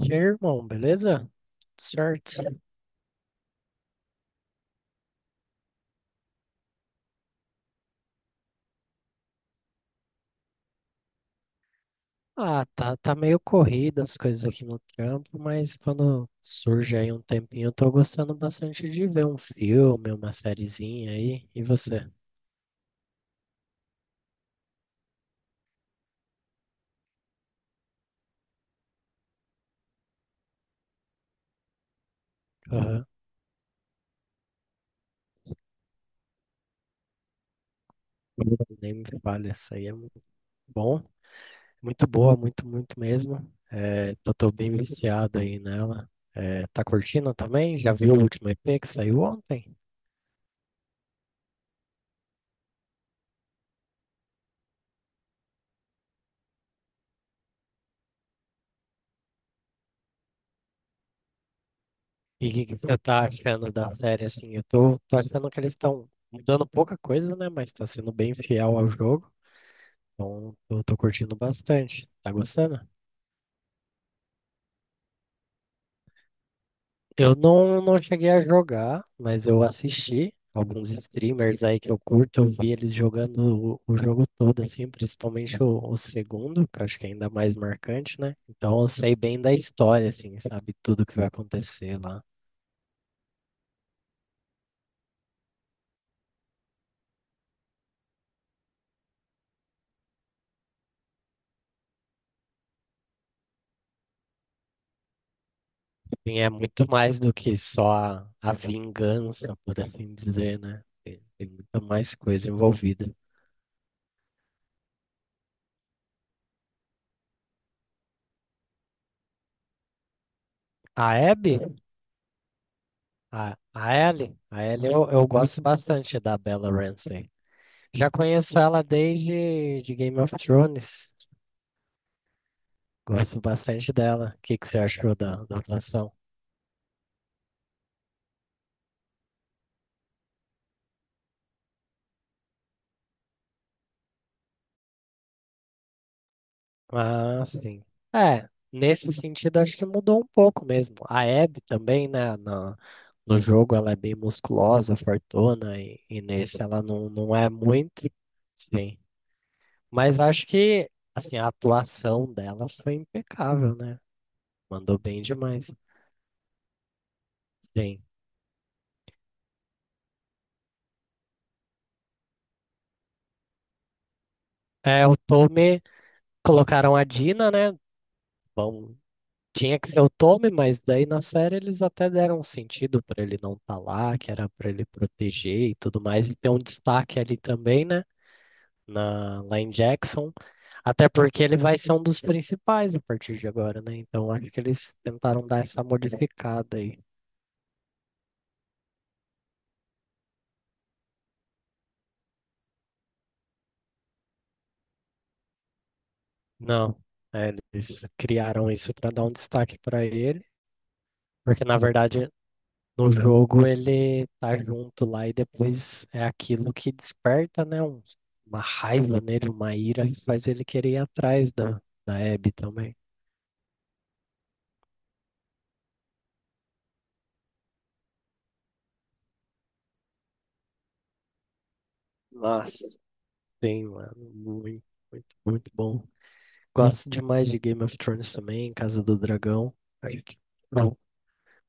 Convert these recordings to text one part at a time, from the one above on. E aí, irmão, beleza? Certo. Ah, tá meio corrida as coisas aqui no trampo, mas quando surge aí um tempinho, eu tô gostando bastante de ver um filme, uma sériezinha aí. E você? Aham. Nem me fale, essa aí é muito bom. Muito boa, muito, muito mesmo. É, tô bem viciado aí nela. É, tá curtindo também? Já viu o último EP que saiu ontem? E o que que você tá achando da série, assim? Eu tô achando que eles estão mudando pouca coisa, né? Mas tá sendo bem fiel ao jogo. Então, eu tô curtindo bastante. Tá gostando? Eu não cheguei a jogar, mas eu assisti alguns streamers aí que eu curto. Eu vi eles jogando o jogo todo, assim, principalmente o segundo, que eu acho que é ainda mais marcante, né? Então, eu sei bem da história, assim, sabe? Tudo que vai acontecer lá. Sim, é muito mais do que só a vingança, por assim dizer, né? Tem muita mais coisa envolvida. A Abby, a Ellie eu gosto bastante da Bella Ramsey. Já conheço ela desde de Game of Thrones. Gosto bastante dela. O que que você achou da atuação? Ah, sim. É, nesse sentido acho que mudou um pouco mesmo. A Abby também, né, no jogo ela é bem musculosa, fortuna, e, nesse ela não é muito. Sim. Mas acho que, assim, a atuação dela foi impecável, né? Mandou bem demais. Sim. É, o Tommy, colocaram a Dina, né? Vão Tinha que ser o Tommy, mas daí na série eles até deram um sentido pra ele não estar lá, que era pra ele proteger e tudo mais, e ter um destaque ali também, né? Lá em Jackson. Até porque ele vai ser um dos principais a partir de agora, né? Então acho que eles tentaram dar essa modificada aí. Não, é, eles criaram isso pra dar um destaque pra ele, porque na verdade, no jogo ele tá junto lá e depois é aquilo que desperta, né? Uma raiva nele, uma ira que faz ele querer ir atrás da Abby também. Nossa, sim, mano. Muito, muito, muito bom. Gosto demais de Game of Thrones também, Casa do Dragão. Acho que.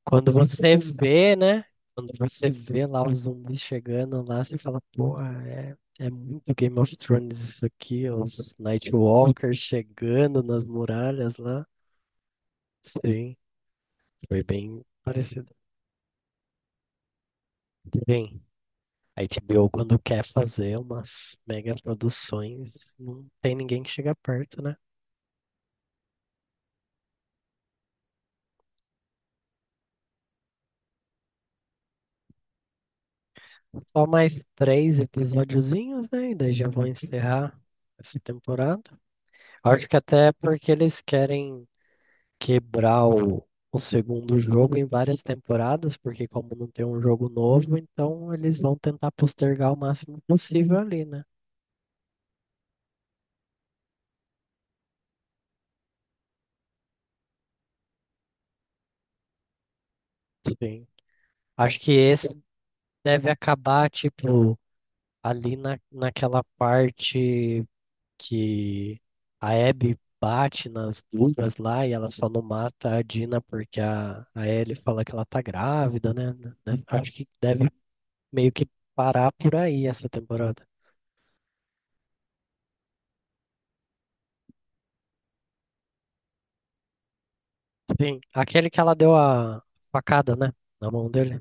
Quando você vê, né? Quando você vê lá os zumbis chegando lá, você fala, porra, é muito Game of Thrones isso aqui, os Nightwalkers chegando nas muralhas lá. Sim, foi bem parecido. Bem, a HBO quando quer fazer umas mega produções, não tem ninguém que chega perto, né? Só mais três episódiozinhos, né? E daí já vão encerrar essa temporada. Acho que até porque eles querem quebrar o segundo jogo em várias temporadas, porque como não tem um jogo novo, então eles vão tentar postergar o máximo possível ali, né? Sim. Acho que esse deve acabar, tipo, ali naquela parte que a Abby bate nas duas lá e ela só não mata a Dina porque a Ellie fala que ela tá grávida, né? Acho que deve meio que parar por aí essa temporada. Sim, aquele que ela deu a facada, né? Na mão dele.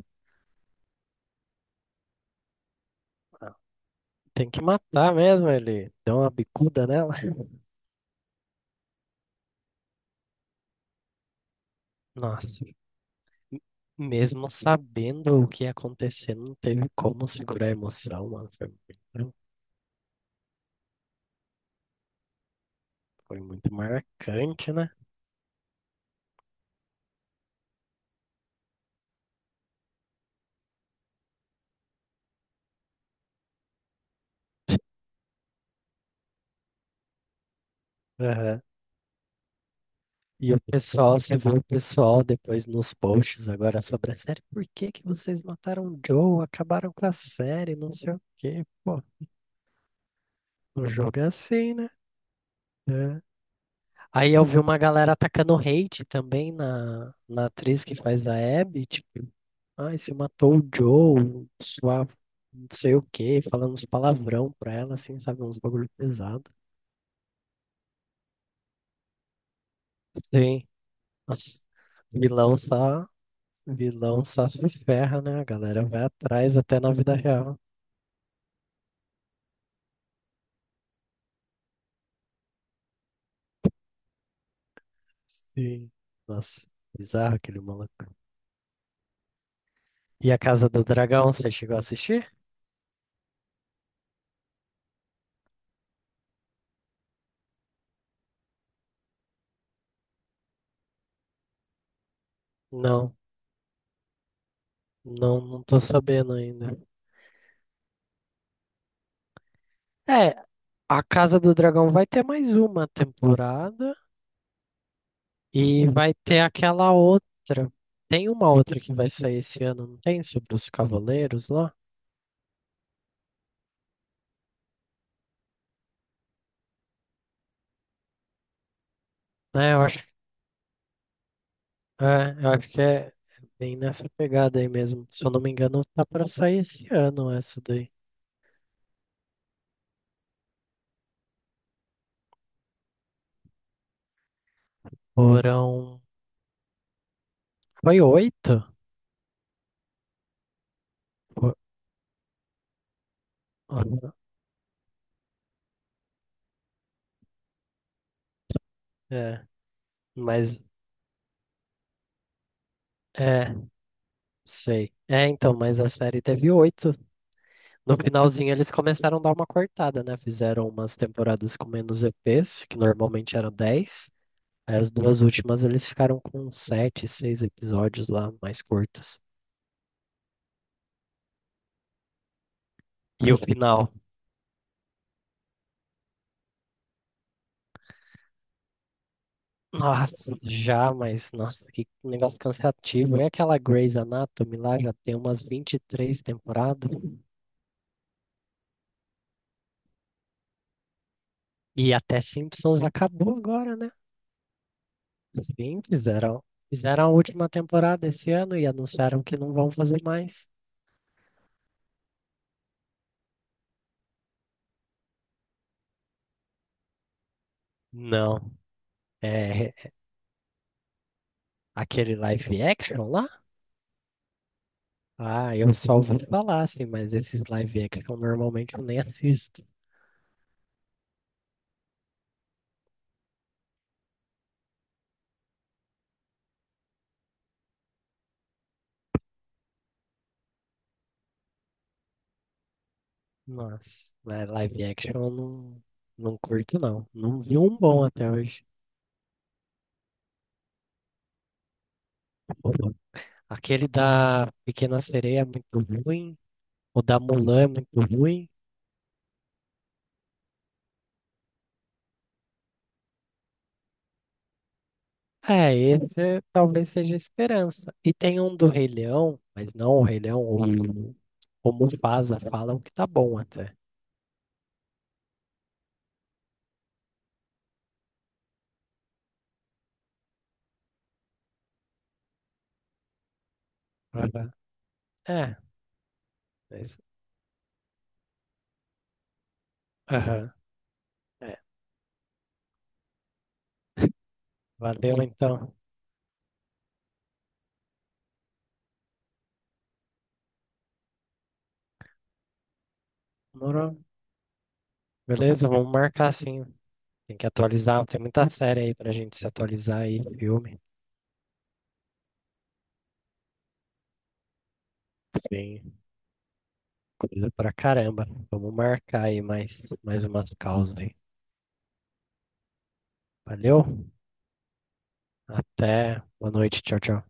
Ah, tem que matar mesmo, ele deu uma bicuda nela. Nossa, mesmo sabendo o que ia acontecer, não teve como segurar a emoção, mano. Foi muito marcante, né? Aham. E o pessoal, você viu o pessoal depois nos posts agora sobre a série, por que que vocês mataram o Joe, acabaram com a série, não sei o quê. Pô, o jogo é assim, né? É. Aí eu vi uma galera atacando hate também na atriz que faz a Abby, tipo, ai, você matou o Joe, sua não sei o quê, falando uns palavrão pra ela, assim, sabe, uns bagulho pesado. Sim, nossa, vilão só, vilão só se ferra, né? A galera vai atrás até na vida real. Sim, nossa, bizarro aquele maluco. E a Casa do Dragão, você chegou a assistir? Não, não tô sabendo ainda. É, a Casa do Dragão vai ter mais uma temporada e vai ter aquela outra. Tem uma outra que vai sair esse ano, não tem? Sobre os cavaleiros lá? Né, eu acho que é bem nessa pegada aí mesmo. Se eu não me engano, tá pra sair esse ano essa daí. Foram. Foi oito? Fo- É, mas. É, sei. É, então, mas a série teve oito. No finalzinho eles começaram a dar uma cortada, né? Fizeram umas temporadas com menos EPs, que normalmente eram 10. Aí as duas últimas eles ficaram com 7, 6 episódios lá, mais curtos. E o final? Nossa, já, mas nossa, que negócio cansativo. É aquela Grey's Anatomy lá, já tem umas 23 temporadas. E até Simpsons acabou agora, né? Sim, fizeram a última temporada esse ano e anunciaram que não vão fazer mais. Não. É, aquele live action lá? Ah, eu só ouvi falar, assim, mas esses live action normalmente eu nem assisto. Mas, né, live action eu não curto, não. Não vi um bom até hoje. Aquele da Pequena Sereia é muito ruim. O da Mulan é muito ruim. É, esse talvez seja a esperança. E tem um do Rei Leão, mas não o Rei Leão, o Mufasa falam que tá bom até. Aham. É, mas, aham, é. Valeu então. Demorou? Beleza, vamos marcar sim. Tem que atualizar, tem muita série aí pra gente se atualizar aí, filme. Tem coisa pra caramba. Vamos marcar aí mais, umas causas aí. Valeu? Até. Boa noite. Tchau, tchau.